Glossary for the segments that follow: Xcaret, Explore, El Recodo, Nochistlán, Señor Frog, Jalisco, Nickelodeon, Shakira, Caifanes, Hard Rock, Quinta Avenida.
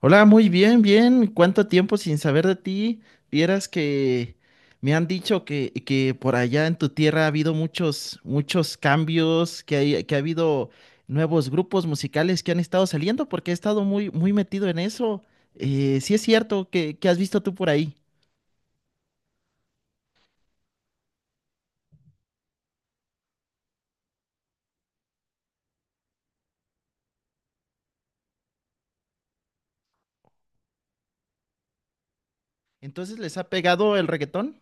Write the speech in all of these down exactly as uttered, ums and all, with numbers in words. Hola, muy bien, bien. ¿Cuánto tiempo sin saber de ti? Vieras que me han dicho que, que por allá en tu tierra ha habido muchos, muchos cambios, que hay, que ha habido nuevos grupos musicales que han estado saliendo, porque he estado muy, muy metido en eso. Eh, sí es cierto que, que has visto tú por ahí. Entonces, ¿les ha pegado el reggaetón?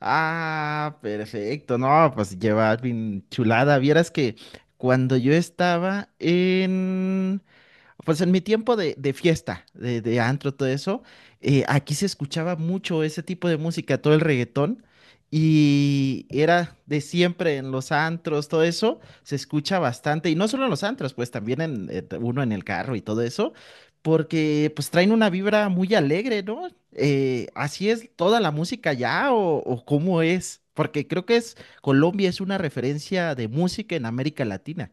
Ah, perfecto. No, pues lleva bien chulada. Vieras que cuando yo estaba en pues en mi tiempo de, de fiesta, de, de antro, todo eso, eh, aquí se escuchaba mucho ese tipo de música, todo el reggaetón, y era de siempre en los antros, todo eso, se escucha bastante, y no solo en los antros, pues también en, eh, uno en el carro y todo eso, porque pues traen una vibra muy alegre, ¿no? Eh, ¿así es toda la música ya o, o cómo es? Porque creo que es Colombia es una referencia de música en América Latina.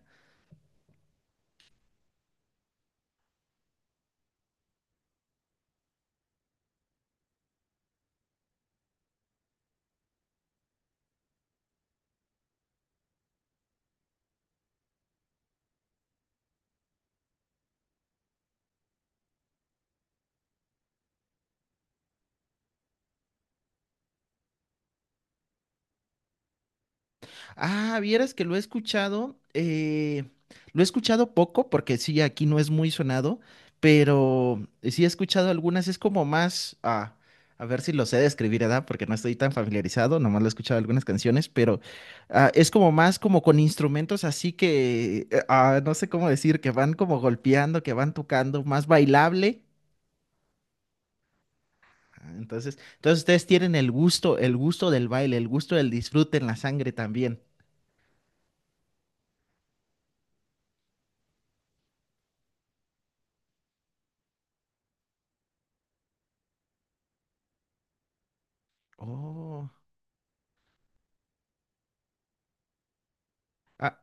Ah, vieras que lo he escuchado, eh, lo he escuchado poco porque sí, aquí no es muy sonado, pero sí he escuchado algunas, es como más, ah, a ver si lo sé describir, ¿verdad? Porque no estoy tan familiarizado, nomás lo he escuchado algunas canciones, pero ah, es como más como con instrumentos así que, eh, ah, no sé cómo decir, que van como golpeando, que van tocando, más bailable. Ah, entonces, entonces ustedes tienen el gusto, el gusto del baile, el gusto del disfrute en la sangre también. Oh. Ah.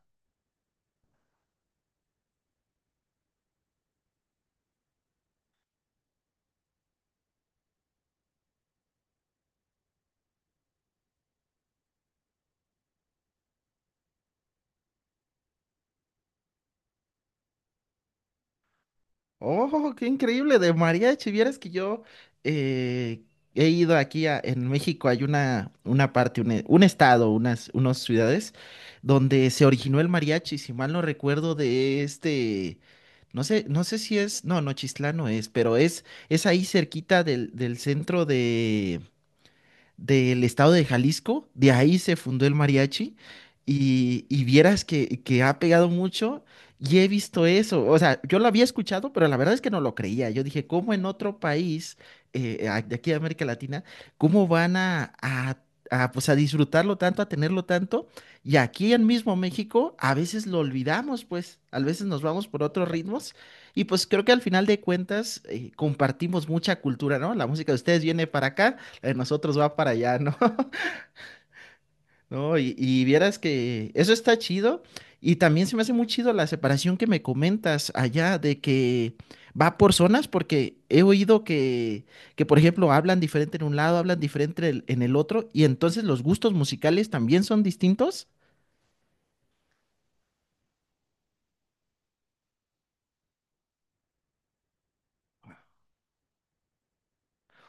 Oh, qué increíble, de mariachi. Vieras que yo eh, he ido aquí a- en México, hay una, una parte, un, e- un estado, unas, unas ciudades donde se originó el mariachi, si mal no recuerdo, de este, no sé, no sé si es, no, Nochistlán no es, pero es, es ahí cerquita del, del centro del estado de Jalisco, de ahí se fundó el mariachi y, y vieras que, que ha pegado mucho y he visto eso, o sea, yo lo había escuchado, pero la verdad es que no lo creía, yo dije, ¿cómo en otro país eh, a- de aquí de América Latina, cómo van a, a, a, pues, a disfrutarlo tanto, a tenerlo tanto? Y aquí en mismo México a veces lo olvidamos, pues, a veces nos vamos por otros ritmos. Y pues creo que al final de cuentas eh, compartimos mucha cultura, ¿no? La música de ustedes viene para acá, en nosotros va para allá, ¿no? No, y, y vieras que eso está chido. Y también se me hace muy chido la separación que me comentas allá de que va por zonas, porque he oído que, que por ejemplo, hablan diferente en un lado, hablan diferente el- en el otro, y entonces los gustos musicales también son distintos.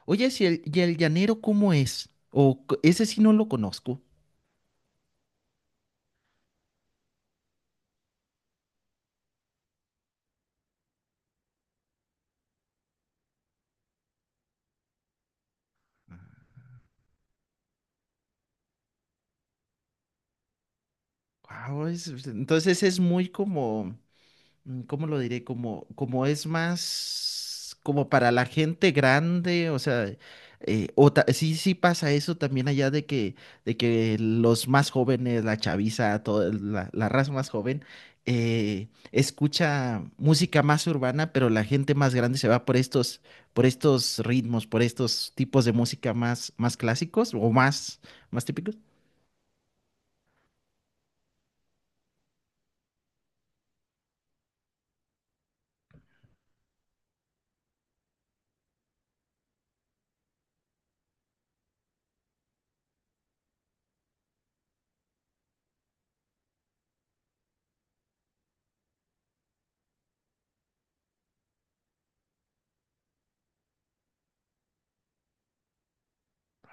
Oye, si el, ¿y el llanero cómo es? O c- ese sí no lo conozco. Guau, es- entonces es muy como mm, ¿cómo lo diré? Como, como es más como para la gente grande, o sea, eh, o ta- sí, sí pasa eso también allá de que, de que los más jóvenes, la chaviza, toda la, la raza más joven, eh, escucha música más urbana, pero la gente más grande se va por estos, por estos ritmos, por estos tipos de música más, más clásicos o más, más típicos.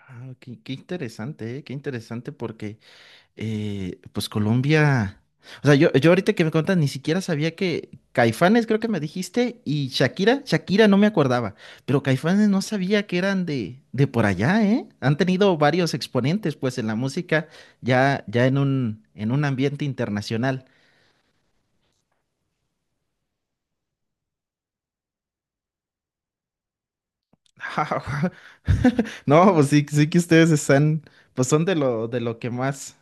Ah, qué, qué interesante, eh, qué interesante porque eh, pues Colombia. O sea, yo, yo ahorita que me contas, ni siquiera sabía que Caifanes, creo que me dijiste, y Shakira, Shakira no me acordaba, pero Caifanes no sabía que eran de, de por allá, ¿eh? Han tenido varios exponentes, pues, en la música, ya, ya en un, en un ambiente internacional. No, pues sí, sí que ustedes están, pues son de lo, de lo que más.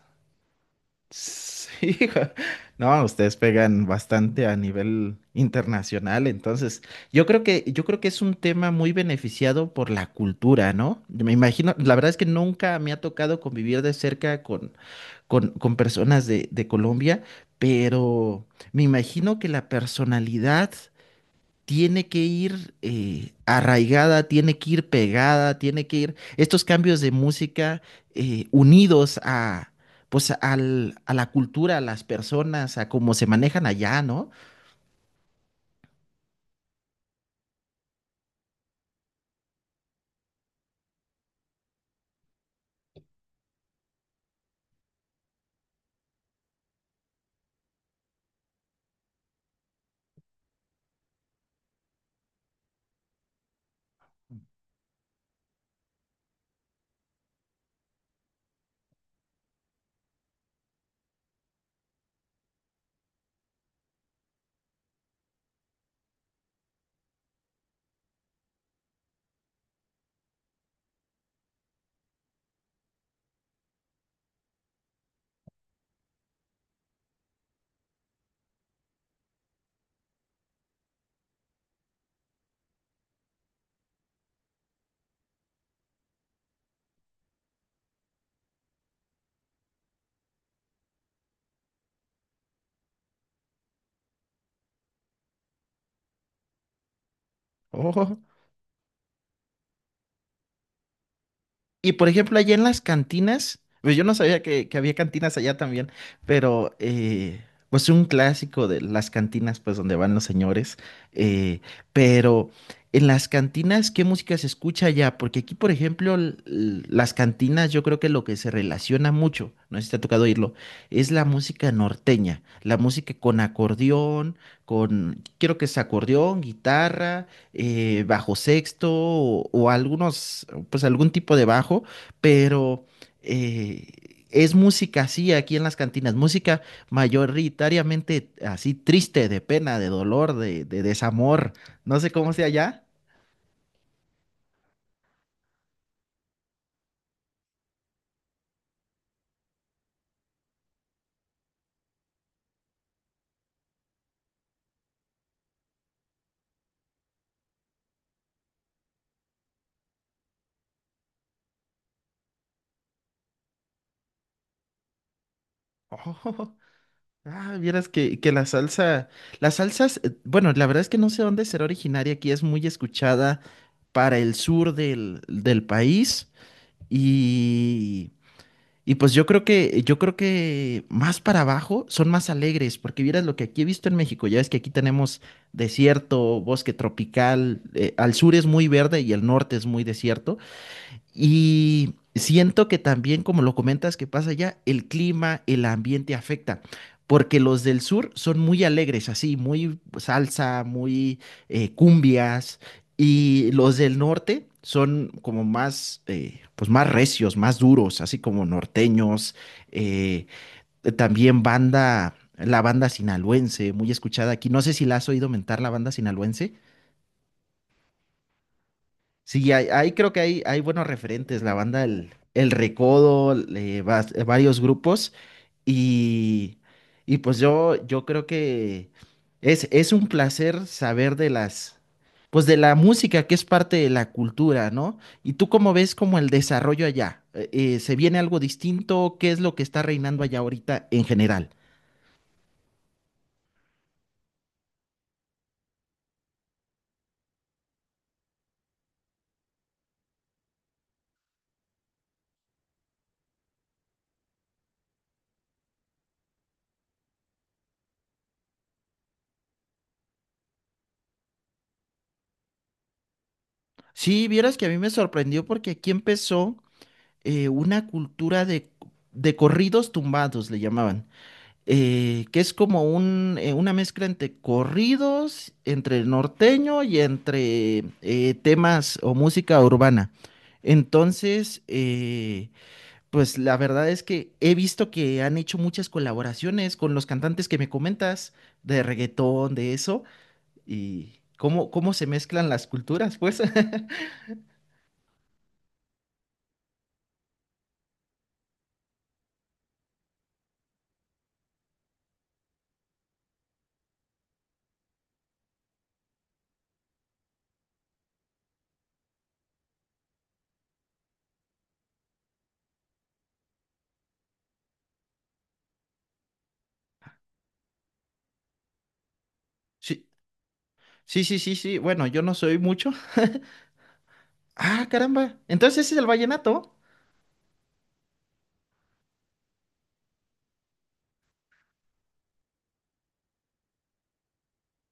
Sí, no, ustedes pegan bastante a nivel internacional, entonces yo creo que yo creo que es un tema muy beneficiado por la cultura, ¿no? Yo me imagino, la verdad es que nunca me ha tocado convivir de cerca con, con, con personas de, de Colombia, pero me imagino que la personalidad tiene que ir eh, arraigada, tiene que ir pegada, tiene que ir estos cambios de música eh, unidos a, pues, al- a la cultura, a las personas, a cómo se manejan allá, ¿no? Oh. Y por ejemplo, allá en las cantinas, pues yo no sabía que, que había cantinas allá también, pero eh, pues un clásico de las cantinas, pues donde van los señores. eh, pero en las cantinas, ¿qué música se escucha allá? Porque aquí, por ejemplo, l- l- las cantinas, yo creo que lo que se relaciona mucho, no sé si te ha tocado oírlo, es la música norteña, la música con acordeón, con, quiero que es acordeón, guitarra eh, bajo sexto o, o algunos, pues algún tipo de bajo, pero eh, es música así aquí en las cantinas, música mayoritariamente así triste, de pena, de dolor, de, de desamor, no sé cómo sea allá. Oh, ah, vieras que, que la salsa, las salsas, eh, bueno, la verdad es que no sé dónde será originaria, aquí es muy escuchada para el sur del, del país y... Y pues yo creo que, yo creo que más para abajo son más alegres, porque vieras lo que aquí he visto en México, ya ves que aquí tenemos desierto, bosque tropical, eh, al sur es muy verde y el norte es muy desierto, y siento que también, como lo comentas, que pasa allá, el clima, el ambiente afecta, porque los del sur son muy alegres, así, muy salsa, muy eh, cumbias, y los del norte son como más, eh, pues más recios, más duros, así como norteños, eh, también banda, la banda sinaloense, muy escuchada aquí. No sé si la has oído mentar, la banda sinaloense. Sí, ahí ahí creo que hay, hay buenos referentes, la banda El, El Recodo, eh, va- varios grupos y, y pues yo, yo creo que es, es un placer saber de las, pues de la música que es parte de la cultura, ¿no? ¿Y tú cómo ves como el desarrollo allá? Eh, eh, ¿se viene algo distinto? ¿Qué es lo que está reinando allá ahorita en general? Sí, vieras que a mí me sorprendió porque aquí empezó eh, una cultura de, de corridos tumbados, le llamaban. Eh, que es como un, eh, una mezcla entre corridos, entre norteño y entre eh, temas o música urbana. Entonces, eh, pues la verdad es que he visto que han hecho muchas colaboraciones con los cantantes que me comentas de reggaetón, de eso, y cómo, cómo se mezclan las culturas, pues. Sí, sí, sí, sí, sí. Bueno, yo no soy mucho. Ah, caramba. Entonces ese es el vallenato.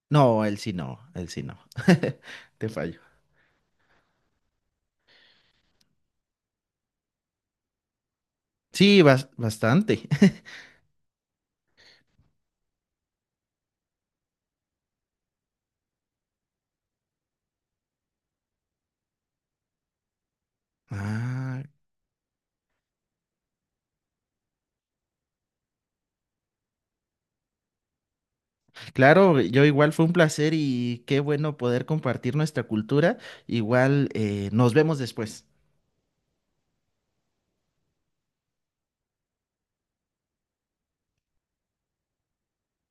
No, él sí no, él sí no. Te fallo. Sí, bas- bastante. Ah, claro, yo igual fue un placer y qué bueno poder compartir nuestra cultura. Igual eh, nos vemos después.